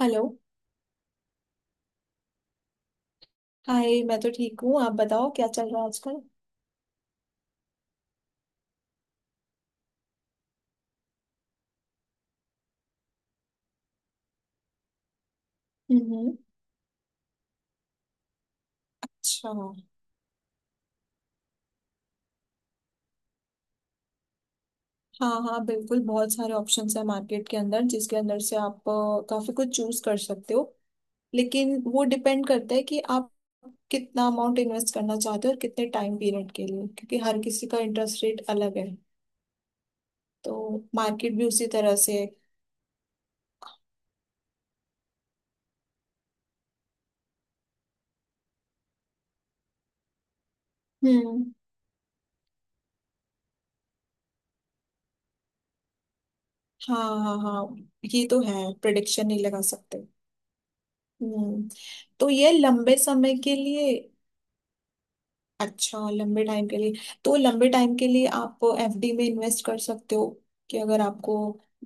Hello. Hi, मैं तो ठीक हूँ, आप बताओ क्या चल रहा है आजकल। हम्म। अच्छा। हाँ हाँ, बिल्कुल, बहुत सारे ऑप्शंस हैं मार्केट के अंदर जिसके अंदर से आप काफी कुछ चूज कर सकते हो, लेकिन वो डिपेंड करता है कि आप कितना अमाउंट इन्वेस्ट करना चाहते हो और कितने टाइम पीरियड के लिए, क्योंकि हर किसी का इंटरेस्ट रेट अलग है, तो मार्केट भी उसी तरह से है। हम्म। हाँ हाँ हाँ, ये तो है, प्रिडिक्शन नहीं लगा सकते। हम्म। तो ये लंबे समय के लिए। अच्छा, लंबे टाइम के लिए तो लंबे टाइम के लिए आप एफडी में इन्वेस्ट कर सकते हो। कि अगर आपको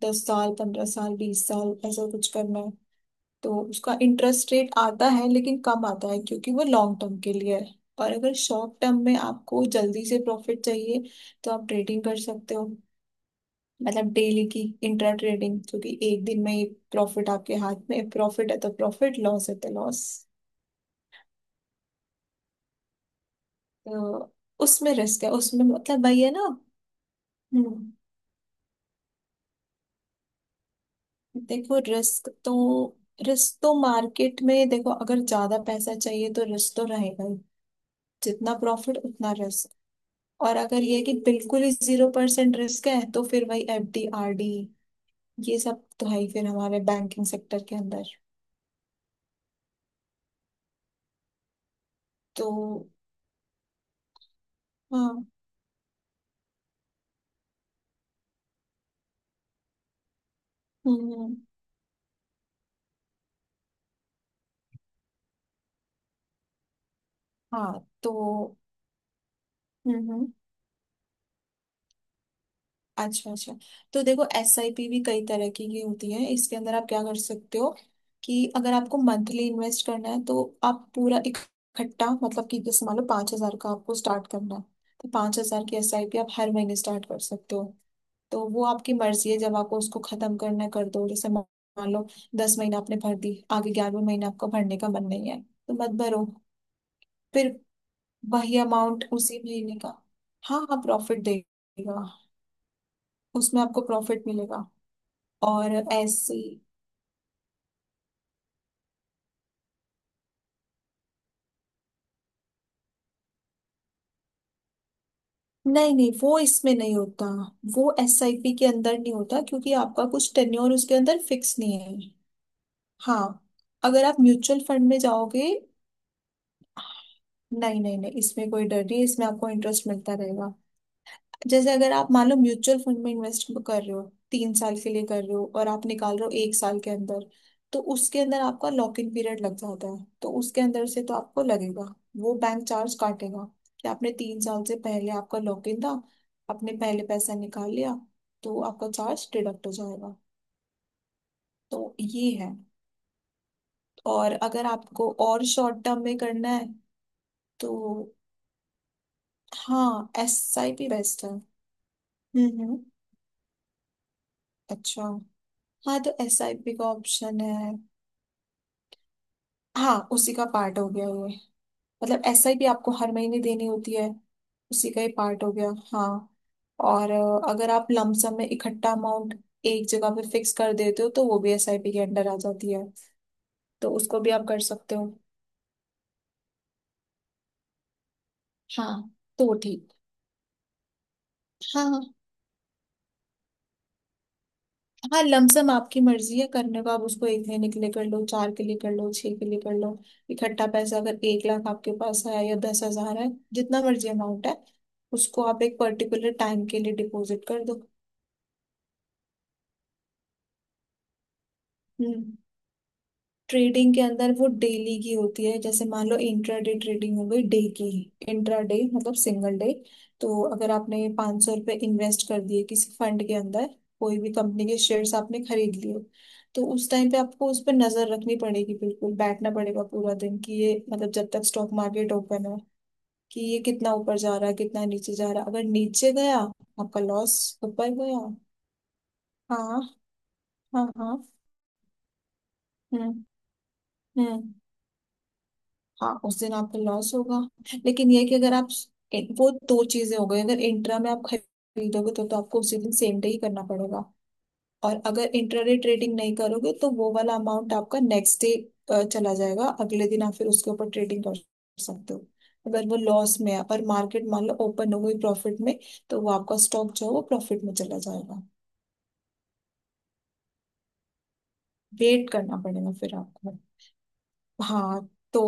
दस साल, पंद्रह साल, बीस साल ऐसा कुछ करना है, तो उसका इंटरेस्ट रेट आता है लेकिन कम आता है, क्योंकि वो लॉन्ग टर्म के लिए है। और अगर शॉर्ट टर्म में आपको जल्दी से प्रॉफिट चाहिए तो आप ट्रेडिंग कर सकते हो। मतलब डेली की इंट्रा ट्रेडिंग, क्योंकि एक दिन में ही प्रॉफिट आपके हाथ में, प्रॉफिट है तो प्रॉफिट, लॉस है तो लॉस। तो उसमें रिस्क है, उसमें मतलब वही है ना। हम्म। देखो रिस्क तो, मार्केट में देखो, अगर ज्यादा पैसा चाहिए तो रिस्क तो रहेगा ही। जितना प्रॉफिट उतना रिस्क। और अगर ये है कि बिल्कुल ही जीरो परसेंट रिस्क है, तो फिर वही एफ डी, आर डी, ये सब तो है ही फिर हमारे बैंकिंग सेक्टर के अंदर। तो हाँ। हम्म। हाँ तो। हम्म हम्म। अच्छा अच्छा। तो देखो एस आई पी भी कई तरह की ही होती है। इसके अंदर आप क्या कर सकते हो, कि अगर आपको मंथली इन्वेस्ट करना है तो आप पूरा इकट्ठा, मतलब कि जैसे मान लो पाँच हजार का आपको स्टार्ट करना है, तो पाँच हजार की एस आई पी आप हर महीने स्टार्ट कर सकते हो। तो वो आपकी मर्जी है, जब आपको उसको खत्म करना है, कर दो। जैसे मान लो दस महीने आपने भर दी, आगे ग्यारहवें महीने आपको भरने का मन नहीं है तो मत भरो। फिर वही अमाउंट उसी महीने का। हाँ हाँ, प्रॉफिट देगा। उसमें आपको प्रॉफिट मिलेगा। और ऐसी, नहीं नहीं, वो इसमें नहीं होता। वो एसआईपी के अंदर नहीं होता, क्योंकि आपका कुछ टेन्योर उसके अंदर फिक्स नहीं है। हाँ। अगर आप म्यूचुअल फंड में जाओगे, नहीं नहीं नहीं इसमें कोई डर नहीं, इसमें आपको इंटरेस्ट मिलता रहेगा। जैसे अगर आप मान लो म्यूचुअल फंड में इन्वेस्ट कर रहे हो, तीन साल के लिए कर रहे हो और आप निकाल रहे हो एक साल के अंदर, तो उसके अंदर आपका लॉक इन पीरियड लग जाता है, तो उसके अंदर से तो आपको लगेगा, वो बैंक चार्ज काटेगा कि आपने तीन साल से पहले, आपका लॉक इन था, आपने पहले पैसा निकाल लिया, तो आपका चार्ज डिडक्ट हो जाएगा। तो ये है। और अगर आपको और शॉर्ट टर्म में करना है तो, हाँ एस आई पी बेस्ट है। हम्म। अच्छा। हाँ तो एस आई पी का ऑप्शन है। हाँ उसी का पार्ट हो गया ये, मतलब एसआईपी आपको हर महीने देनी होती है। उसी का ही पार्ट हो गया हाँ। और अगर आप लमसम में इकट्ठा अमाउंट एक जगह पे फिक्स कर देते हो तो वो भी एसआईपी के अंडर आ जाती है, तो उसको भी आप कर सकते हो। हाँ तो वो ठीक। हाँ हाँ हाँ, लमसम आपकी मर्जी है करने को, आप उसको एक महीने के लिए कर लो, चार के लिए कर लो, छह के लिए कर लो। इकट्ठा पैसा, अगर एक लाख आपके पास है या दस हजार है, जितना मर्जी अमाउंट है, उसको आप एक पर्टिकुलर टाइम के लिए डिपॉजिट कर दो। हम्म। ट्रेडिंग के अंदर वो डेली की होती है, जैसे मान लो इंट्राडे ट्रेडिंग हो गई, डे की। इंट्राडे मतलब सिंगल डे। तो अगर आपने 500 सौ रुपये इन्वेस्ट कर दिए किसी फंड के अंदर, कोई भी कंपनी के शेयर्स आपने खरीद लिए, तो उस टाइम पे आपको उस पर नजर रखनी पड़ेगी, बिल्कुल बैठना पड़ेगा पूरा दिन, कि ये मतलब जब तक स्टॉक मार्केट ओपन है, कि ये कितना ऊपर जा रहा है कितना नीचे जा रहा है। अगर नीचे गया आपका लॉस, ऊपर गया। हाँ हाँ हाँ। हम्म हम्म। हाँ उस दिन आपका लॉस होगा। लेकिन ये है कि अगर आप, वो दो चीजें हो गई। अगर इंट्रा में आप खरीदोगे तो आपको उसी दिन सेम डे ही करना पड़ेगा। और अगर इंट्राडे ट्रेडिंग नहीं करोगे तो वो वाला अमाउंट आपका नेक्स्ट डे चला जाएगा, अगले दिन आप फिर उसके ऊपर ट्रेडिंग कर सकते हो। अगर वो लॉस में है और मार्केट मान लो ओपन हो गई प्रॉफिट में, तो वो आपका स्टॉक जो है वो प्रॉफिट में चला जाएगा। वेट करना पड़ेगा फिर आपको। हाँ तो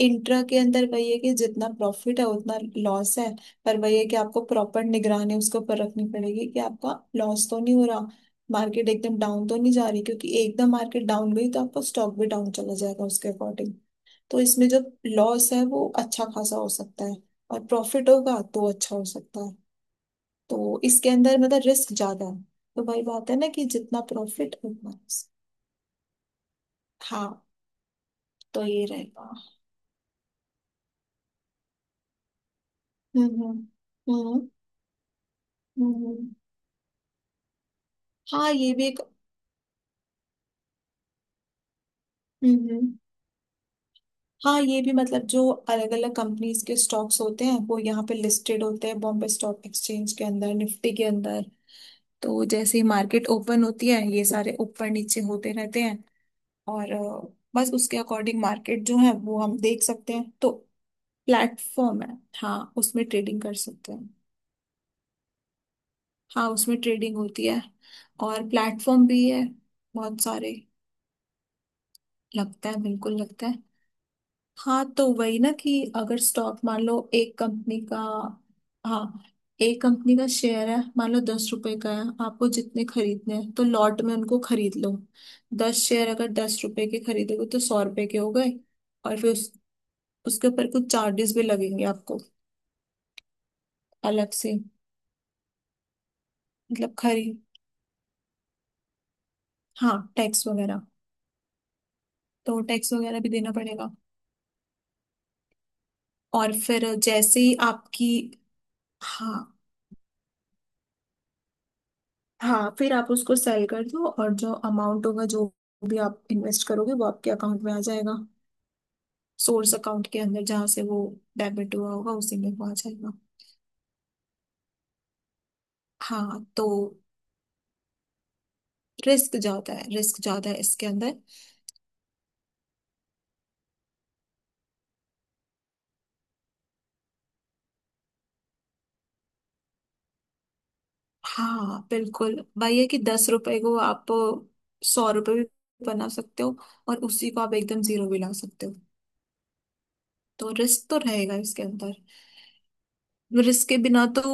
इंट्रा के अंदर वही है कि जितना प्रॉफिट है उतना लॉस है। पर वही है कि आपको प्रॉपर निगरानी उसके ऊपर रखनी पड़ेगी कि आपका लॉस तो नहीं हो रहा, मार्केट एकदम डाउन तो नहीं जा रही, क्योंकि एकदम मार्केट डाउन गई तो आपका स्टॉक भी डाउन चला जाएगा उसके अकॉर्डिंग। तो इसमें जो लॉस है वो अच्छा खासा हो सकता है, और प्रॉफिट होगा तो अच्छा हो सकता है। तो इसके अंदर मतलब रिस्क ज्यादा है। तो वही बात है ना कि जितना प्रॉफिट उतना risk। हाँ तो ये रहेगा। हम्म। हम्म हम्म। हम्म। हाँ ये भी एक। हम्म। हाँ ये भी मतलब जो अलग अलग कंपनीज के स्टॉक्स होते हैं वो यहाँ पे लिस्टेड होते हैं, बॉम्बे स्टॉक एक्सचेंज के अंदर, निफ्टी के अंदर। तो जैसे ही मार्केट ओपन होती है ये सारे ऊपर नीचे होते रहते हैं। और बस उसके अकॉर्डिंग मार्केट जो है वो हम देख सकते हैं। तो प्लेटफॉर्म है, हाँ उसमें ट्रेडिंग कर सकते हैं। हाँ उसमें ट्रेडिंग होती है। और प्लेटफॉर्म भी है बहुत सारे। लगता है, बिल्कुल लगता है। हाँ तो वही ना कि अगर स्टॉक मान लो एक कंपनी का, हाँ एक कंपनी का शेयर है मान लो दस रुपए का है, आपको जितने खरीदने हैं तो लॉट में उनको खरीद लो। दस शेयर अगर दस रुपए के खरीदोगे तो सौ रुपए के हो गए। और फिर उस, उसके ऊपर कुछ चार्जेस भी लगेंगे आपको अलग से। मतलब खरीद, हाँ टैक्स वगैरह, तो टैक्स वगैरह भी देना पड़ेगा। और फिर जैसे ही आपकी, हाँ हाँ फिर आप उसको सेल कर दो, और जो अमाउंट होगा जो भी आप इन्वेस्ट करोगे वो आपके अकाउंट में आ जाएगा। सोर्स अकाउंट के अंदर जहाँ से वो डेबिट हुआ होगा उसी में वो आ जाएगा। हाँ तो रिस्क ज्यादा है, इसके अंदर। हाँ बिल्कुल, वही है कि दस रुपए को आप सौ रुपए भी बना सकते हो, और उसी को आप एकदम जीरो भी ला सकते हो। तो रिस्क तो रहेगा इसके अंदर, रिस्क के बिना तो।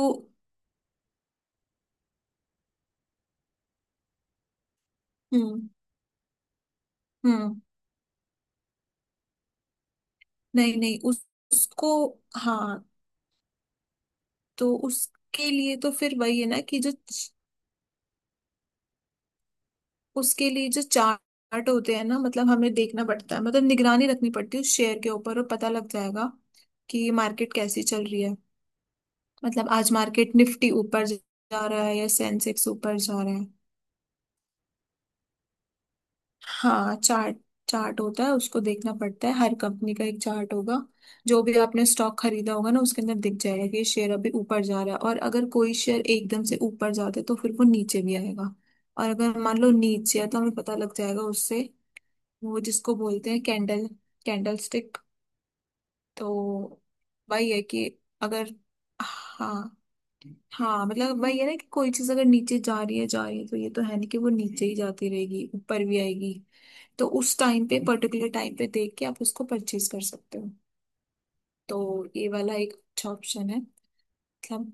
हम्म हम्म। नहीं नहीं, उस उसको, हाँ तो उसके लिए तो फिर वही है ना कि जो, उसके लिए जो चार्ट होते हैं ना, मतलब हमें देखना पड़ता है, मतलब निगरानी रखनी पड़ती है उस शेयर के ऊपर और पता लग जाएगा कि मार्केट कैसी चल रही है। मतलब आज मार्केट निफ्टी ऊपर जा रहा है या सेंसेक्स ऊपर जा रहा है। हाँ चार्ट, होता है, उसको देखना पड़ता है। हर कंपनी का एक चार्ट होगा, जो भी आपने स्टॉक खरीदा होगा ना, उसके अंदर दिख जाएगा कि ये शेयर अभी ऊपर जा रहा है। और अगर कोई शेयर एकदम से ऊपर जाता है तो फिर वो नीचे भी आएगा। और अगर मान लो नीचे है तो हमें पता लग जाएगा उससे, वो जिसको बोलते हैं कैंडल, कैंडल स्टिक। तो वही है कि अगर, हाँ हाँ, मतलब वही है ना कि कोई चीज अगर नीचे जा रही है तो ये तो है नहीं कि वो नीचे ही जाती रहेगी, ऊपर भी आएगी। तो उस टाइम पे, पर्टिकुलर टाइम पे देख के आप उसको परचेज कर सकते हो। तो ये वाला एक अच्छा ऑप्शन है। मतलब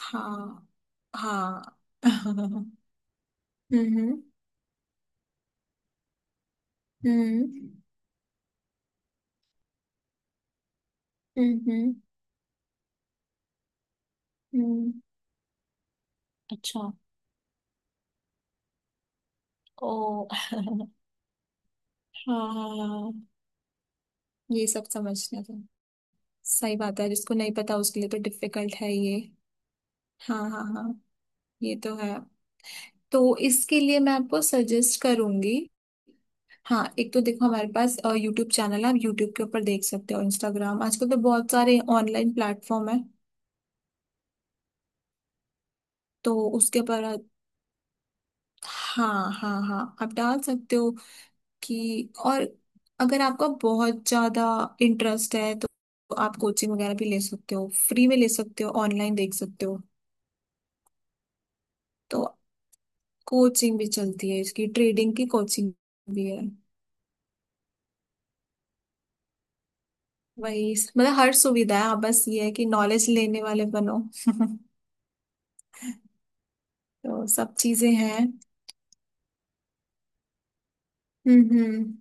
हाँ हाँ हम्म। हम्म हम्म। हम्म, अच्छा, ओ हाँ ये सब समझना था। सही बात है, जिसको नहीं पता उसके लिए तो डिफिकल्ट है ये। हाँ हाँ हाँ, ये तो है। तो इसके लिए मैं आपको सजेस्ट करूंगी, हाँ एक तो देखो हमारे पास यूट्यूब चैनल है, आप यूट्यूब के ऊपर देख सकते हो, इंस्टाग्राम, आजकल तो बहुत सारे ऑनलाइन प्लेटफॉर्म है। तो उसके ऊपर, हाँ हाँ हाँ आप डाल सकते हो। कि और अगर आपका बहुत ज्यादा इंटरेस्ट है तो आप कोचिंग वगैरह भी ले सकते हो, फ्री में ले सकते हो, ऑनलाइन देख सकते हो। तो कोचिंग भी चलती है, इसकी ट्रेडिंग की कोचिंग भी है। वही, मतलब हर सुविधा है, आप बस ये है कि नॉलेज लेने वाले बनो। तो सब चीजें हैं। हम्म।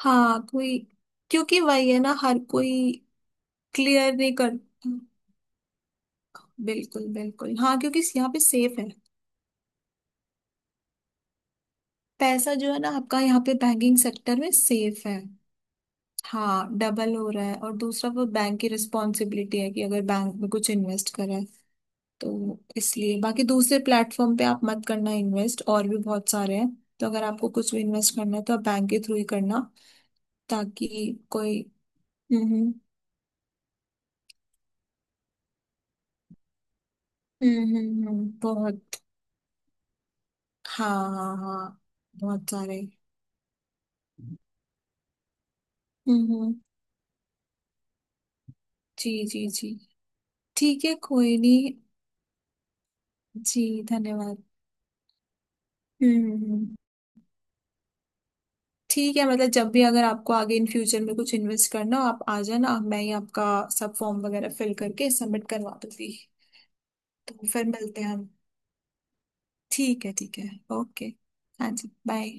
हाँ कोई, क्योंकि वही है ना, हर कोई क्लियर नहीं करता। बिल्कुल बिल्कुल, हाँ क्योंकि यहाँ पे सेफ है। पैसा जो है ना आपका यहाँ पे बैंकिंग सेक्टर में सेफ है। हाँ डबल हो रहा है, और दूसरा वो बैंक की रिस्पॉन्सिबिलिटी है कि अगर बैंक में कुछ इन्वेस्ट करें। तो इसलिए बाकी दूसरे प्लेटफॉर्म पे आप मत करना इन्वेस्ट, और भी बहुत सारे हैं। तो अगर आपको कुछ भी इन्वेस्ट करना है तो आप बैंक के थ्रू ही करना, ताकि कोई, हम्म। बहुत। हाँ हाँ हाँ, बहुत सारे। हम्म हम्म, जी जी जी, ठीक है कोई नहीं। जी धन्यवाद। हम्म हम्म, ठीक है, मतलब जब भी अगर आपको आगे इन फ्यूचर में कुछ इन्वेस्ट करना हो आप आ जाना, मैं ही आपका सब फॉर्म वगैरह फिल करके सबमिट करवा दूंगी। तो फिर मिलते हैं हम। ठीक है ठीक है, ओके। हाँ जी बाय।